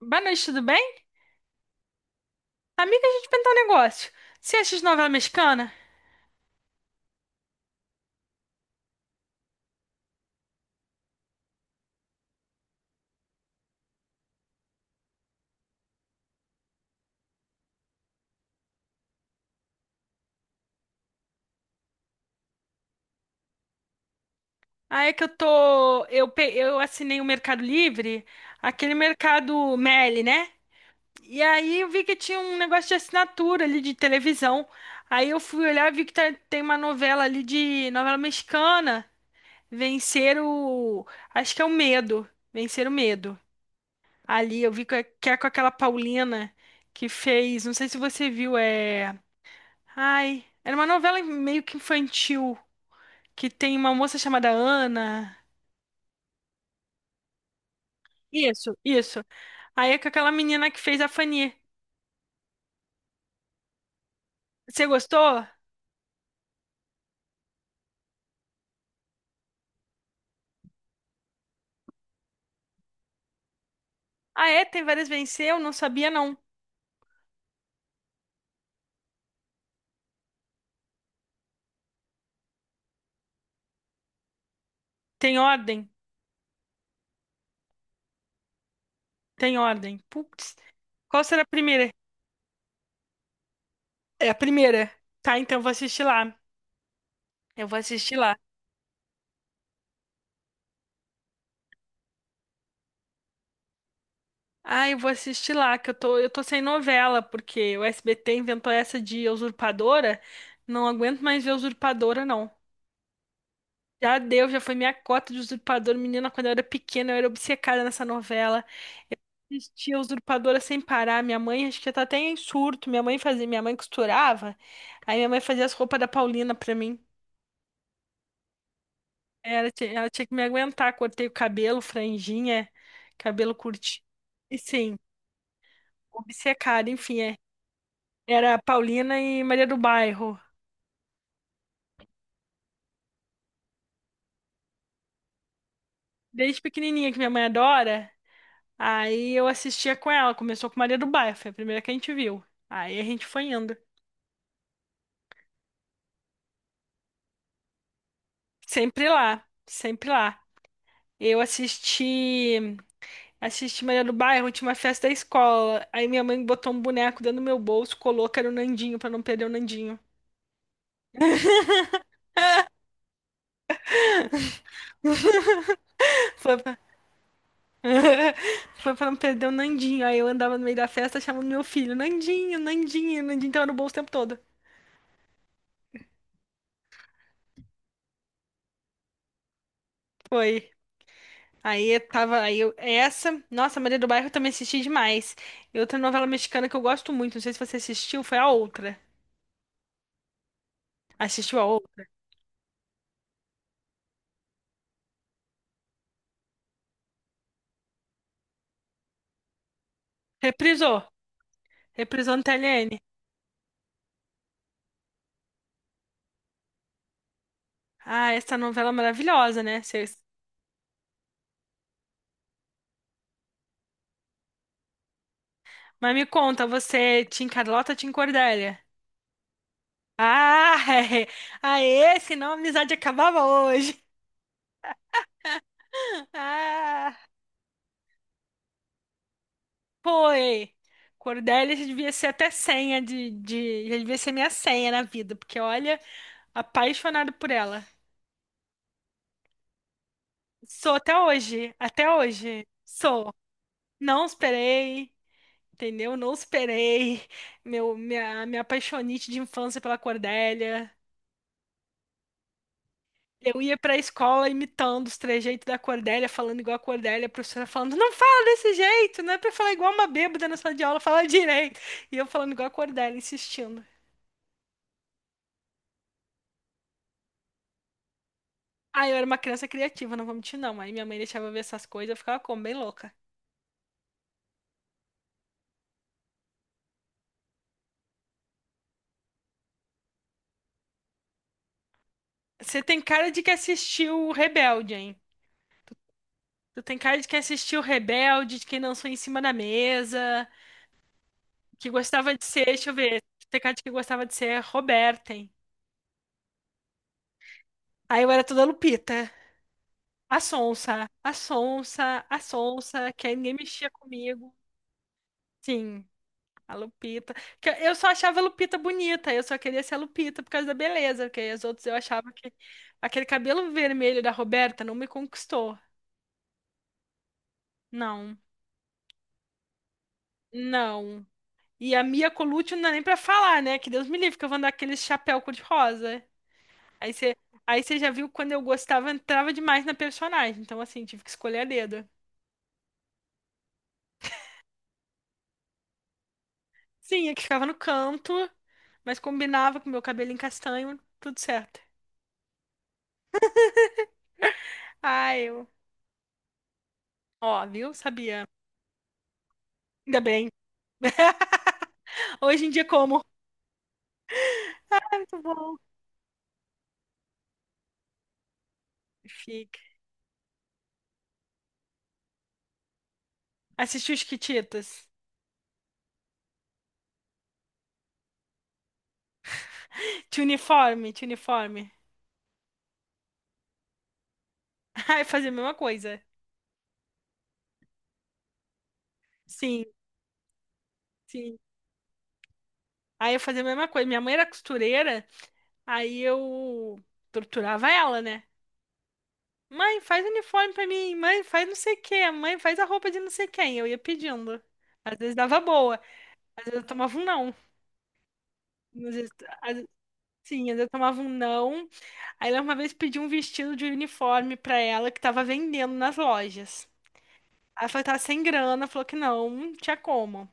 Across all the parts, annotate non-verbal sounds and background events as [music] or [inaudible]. Boa noite, tudo bem? Amiga, deixa eu te perguntar um negócio. Você assiste novela mexicana? Aí é que eu tô. Eu assinei o Mercado Livre, aquele Mercado Meli, né? E aí eu vi que tinha um negócio de assinatura ali de televisão. Aí eu fui olhar e vi que tem uma novela ali de novela mexicana. Vencer o. Acho que é o Medo. Vencer o Medo. Ali eu vi que é com aquela Paulina que fez. Não sei se você viu, é. Ai, era uma novela meio que infantil, que tem uma moça chamada Ana. Isso, isso. Aí é com aquela menina que fez a Fanny. Você gostou? Ah, é? Tem várias venceu? Não sabia, não. Tem ordem? Tem ordem. Putz. Qual será a primeira? É a primeira. Tá, então eu vou assistir lá. Eu vou assistir lá. Ah, eu vou assistir lá, que eu tô sem novela, porque o SBT inventou essa de usurpadora. Não aguento mais ver usurpadora, não. Já deu, já foi minha cota de usurpador. Menina, quando eu era pequena, eu era obcecada nessa novela. Assistia a usurpadora sem parar. Minha mãe, acho que já tá até em surto. Minha mãe fazia, minha mãe costurava. Aí minha mãe fazia as roupas da Paulina pra mim. Ela tinha que me aguentar. Cortei o cabelo, franjinha, cabelo curtinho. E sim, obcecada, enfim, é. Era a Paulina e Maria do Bairro. Desde pequenininha, que minha mãe adora, aí eu assistia com ela. Começou com Maria do Bairro, foi a primeira que a gente viu. Aí a gente foi indo. Sempre lá, sempre lá. Eu assisti Maria do Bairro, tinha uma festa da escola. Aí minha mãe botou um boneco dentro do meu bolso, colou que era o Nandinho pra não perder o Nandinho. Foi pra... [laughs] Foi pra não perder o Nandinho. Aí eu andava no meio da festa chamando meu filho, Nandinho, Nandinho, o Nandinho tava no bolso o tempo todo. Foi. Aí eu tava, aí eu, essa, nossa, Maria do Bairro eu também assisti demais. E outra novela mexicana que eu gosto muito, não sei se você assistiu, foi a outra. Assistiu a outra? Reprisou. Reprisou no TLN. Ah, essa novela é maravilhosa, né? Mas me conta, você Tim Carlota, Tim Cordélia? Ah, [laughs] é. Aê, senão a amizade acabava hoje. [laughs] Ah, foi. Cordélia já devia ser até senha de. Já devia ser minha senha na vida, porque olha, apaixonado por ela. Sou até hoje, até hoje. Sou. Não esperei, entendeu? Não esperei. Minha apaixonite de infância pela Cordélia. Eu ia pra escola imitando os trejeitos da Cordélia, falando igual a Cordélia, a professora falando, não fala desse jeito, não é pra falar igual uma bêbada na sala de aula, fala direito. E eu falando igual a Cordélia, insistindo. Ah, eu era uma criança criativa, não vou mentir não. Aí minha mãe deixava eu ver essas coisas, eu ficava como, bem louca. Você tem cara de que assistiu o Rebelde, hein? Tu tem cara de que assistiu o Rebelde, de quem dançou em cima da mesa, que gostava de ser, deixa eu ver, tu tem cara de que gostava de ser Roberta, hein? Aí eu era toda Lupita. A sonsa, a sonsa, a sonsa, que aí ninguém mexia comigo. Sim, a Lupita. Que eu só achava a Lupita bonita, eu só queria ser a Lupita por causa da beleza, porque as outras eu achava que aquele cabelo vermelho da Roberta não me conquistou. Não, não. E a Mia Colucci não dá nem pra falar, né? Que Deus me livre, que eu vou andar com aquele chapéu cor-de-rosa. Aí você aí você já viu quando eu gostava, entrava demais na personagem. Então, assim, tive que escolher a dedo. Sim, é que ficava no canto, mas combinava com meu cabelo em castanho, tudo certo. [laughs] Ai, eu. Ó, viu? Sabia. Ainda bem. [laughs] Hoje em dia, como? Ai, muito bom. Fica. Assistiu os Kititas. Tinha uniforme, tinha uniforme. [laughs] Ai, fazia a mesma coisa. Sim, sim. Aí eu fazia a mesma coisa. Minha mãe era costureira, aí eu torturava ela, né? Mãe, faz uniforme pra mim. Mãe, faz não sei o quê. Mãe, faz a roupa de não sei quem. Eu ia pedindo. Às vezes dava boa. Às vezes eu tomava um não. Às vezes, às- sim, às vezes eu tomava um não. Aí ela uma vez pediu um vestido de uniforme pra ela que tava vendendo nas lojas. Aí ela falou que tava sem grana. Falou que não, não tinha como.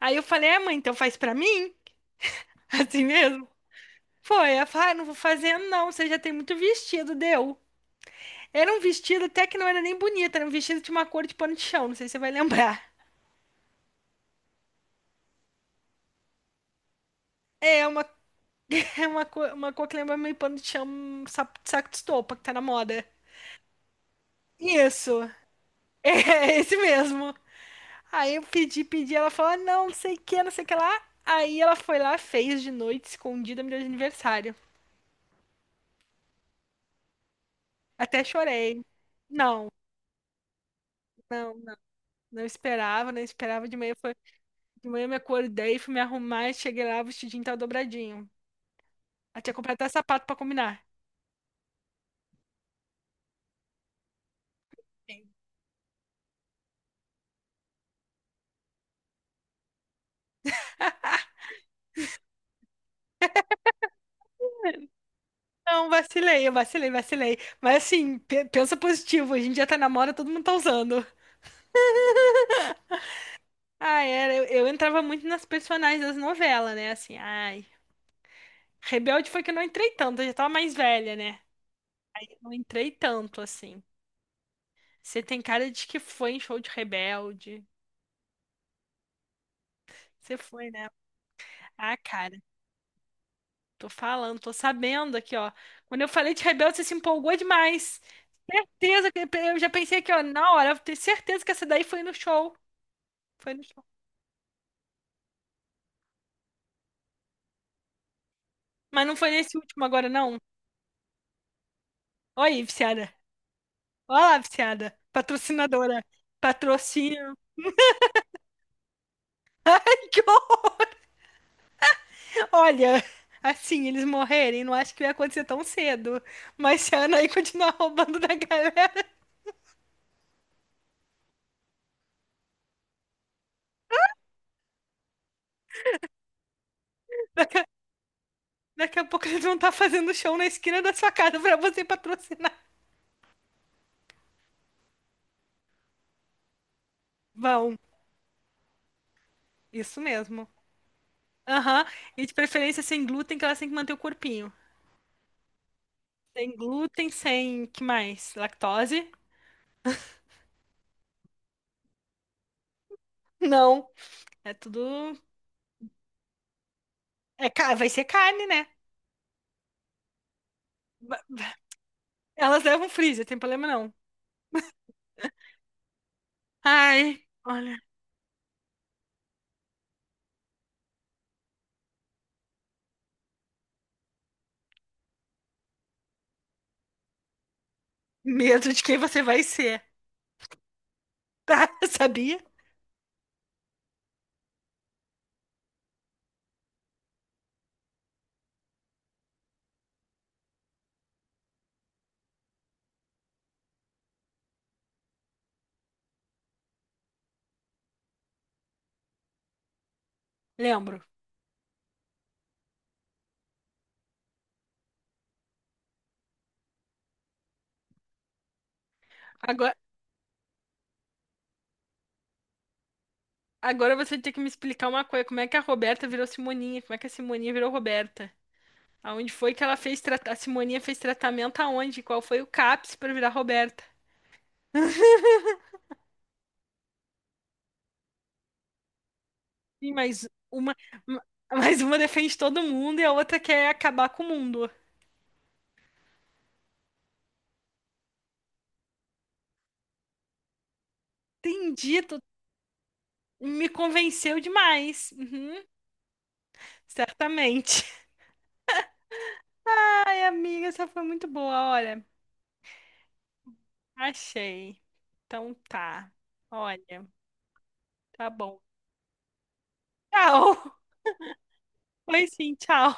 Aí eu falei, é, mãe, então faz pra mim? [laughs] Assim mesmo. Foi, ela falou, ah, não vou fazer não, você já tem muito vestido, deu. Era um vestido até que não era nem bonito, era um vestido de uma cor de pano de chão, não sei se você vai lembrar. É uma, [laughs] uma cor que lembra meio pano de chão, um sapo de saco de estopa, que tá na moda. Isso. [laughs] É esse mesmo. Aí eu pedi, ela falou, "Ah, não, não sei o que, não sei o que lá. Aí ela foi lá, fez de noite, escondida, me deu de aniversário. Até chorei. Não, não, não. Não esperava, não esperava. De manhã eu me acordei, fui me arrumar, cheguei lá, o vestidinho tava dobradinho. Eu tinha comprado até sapato pra combinar. Não, vacilei, eu vacilei, vacilei. Mas assim, pensa positivo, a gente já tá na moda, todo mundo tá usando. [laughs] Ah era, eu entrava muito nas personagens das novelas, né? Assim, ai. Rebelde foi que eu não entrei tanto, eu já tava mais velha, né? Aí eu não entrei tanto, assim. Você tem cara de que foi em show de Rebelde. Você foi, né? Ah, cara, tô falando, tô sabendo aqui, ó. Quando eu falei de Rebelde, você se empolgou demais. Certeza que eu já pensei aqui, ó, na hora, eu tenho certeza que essa daí foi no show. Foi no show. Mas não foi nesse último agora, não. Olha aí, viciada. Olha lá, viciada. Patrocinadora. Patrocínio. [laughs] Ai, que horror. Olha, assim, eles morrerem, não acho que vai acontecer tão cedo. Mas se a Anaí continuar [laughs] roubando da galera, daqui a pouco eles vão estar fazendo show na esquina da sua casa pra você patrocinar. Vão, isso mesmo. Aham, e de preferência sem glúten, que elas têm que manter o corpinho. Sem glúten, sem, que mais? Lactose? Não, é tudo... É, vai ser carne, né? Elas levam freezer, tem problema não. Ai, olha, medo de quem você vai ser, tá? [laughs] Sabia? Lembro. Agora, agora você tem que me explicar uma coisa, como é que a Roberta virou Simoninha? Como é que a Simoninha virou Roberta? Aonde foi que ela fez tratamento? A Simoninha fez tratamento aonde? Qual foi o CAPS pra virar Roberta? Sim, ma- mas uma defende todo mundo e a outra quer acabar com o mundo. Entendi, tu me convenceu demais. Uhum, certamente. [laughs] Ai, amiga, essa foi muito boa, olha. Achei. Então tá. Olha, tá bom. Tchau. [laughs] Foi sim, tchau.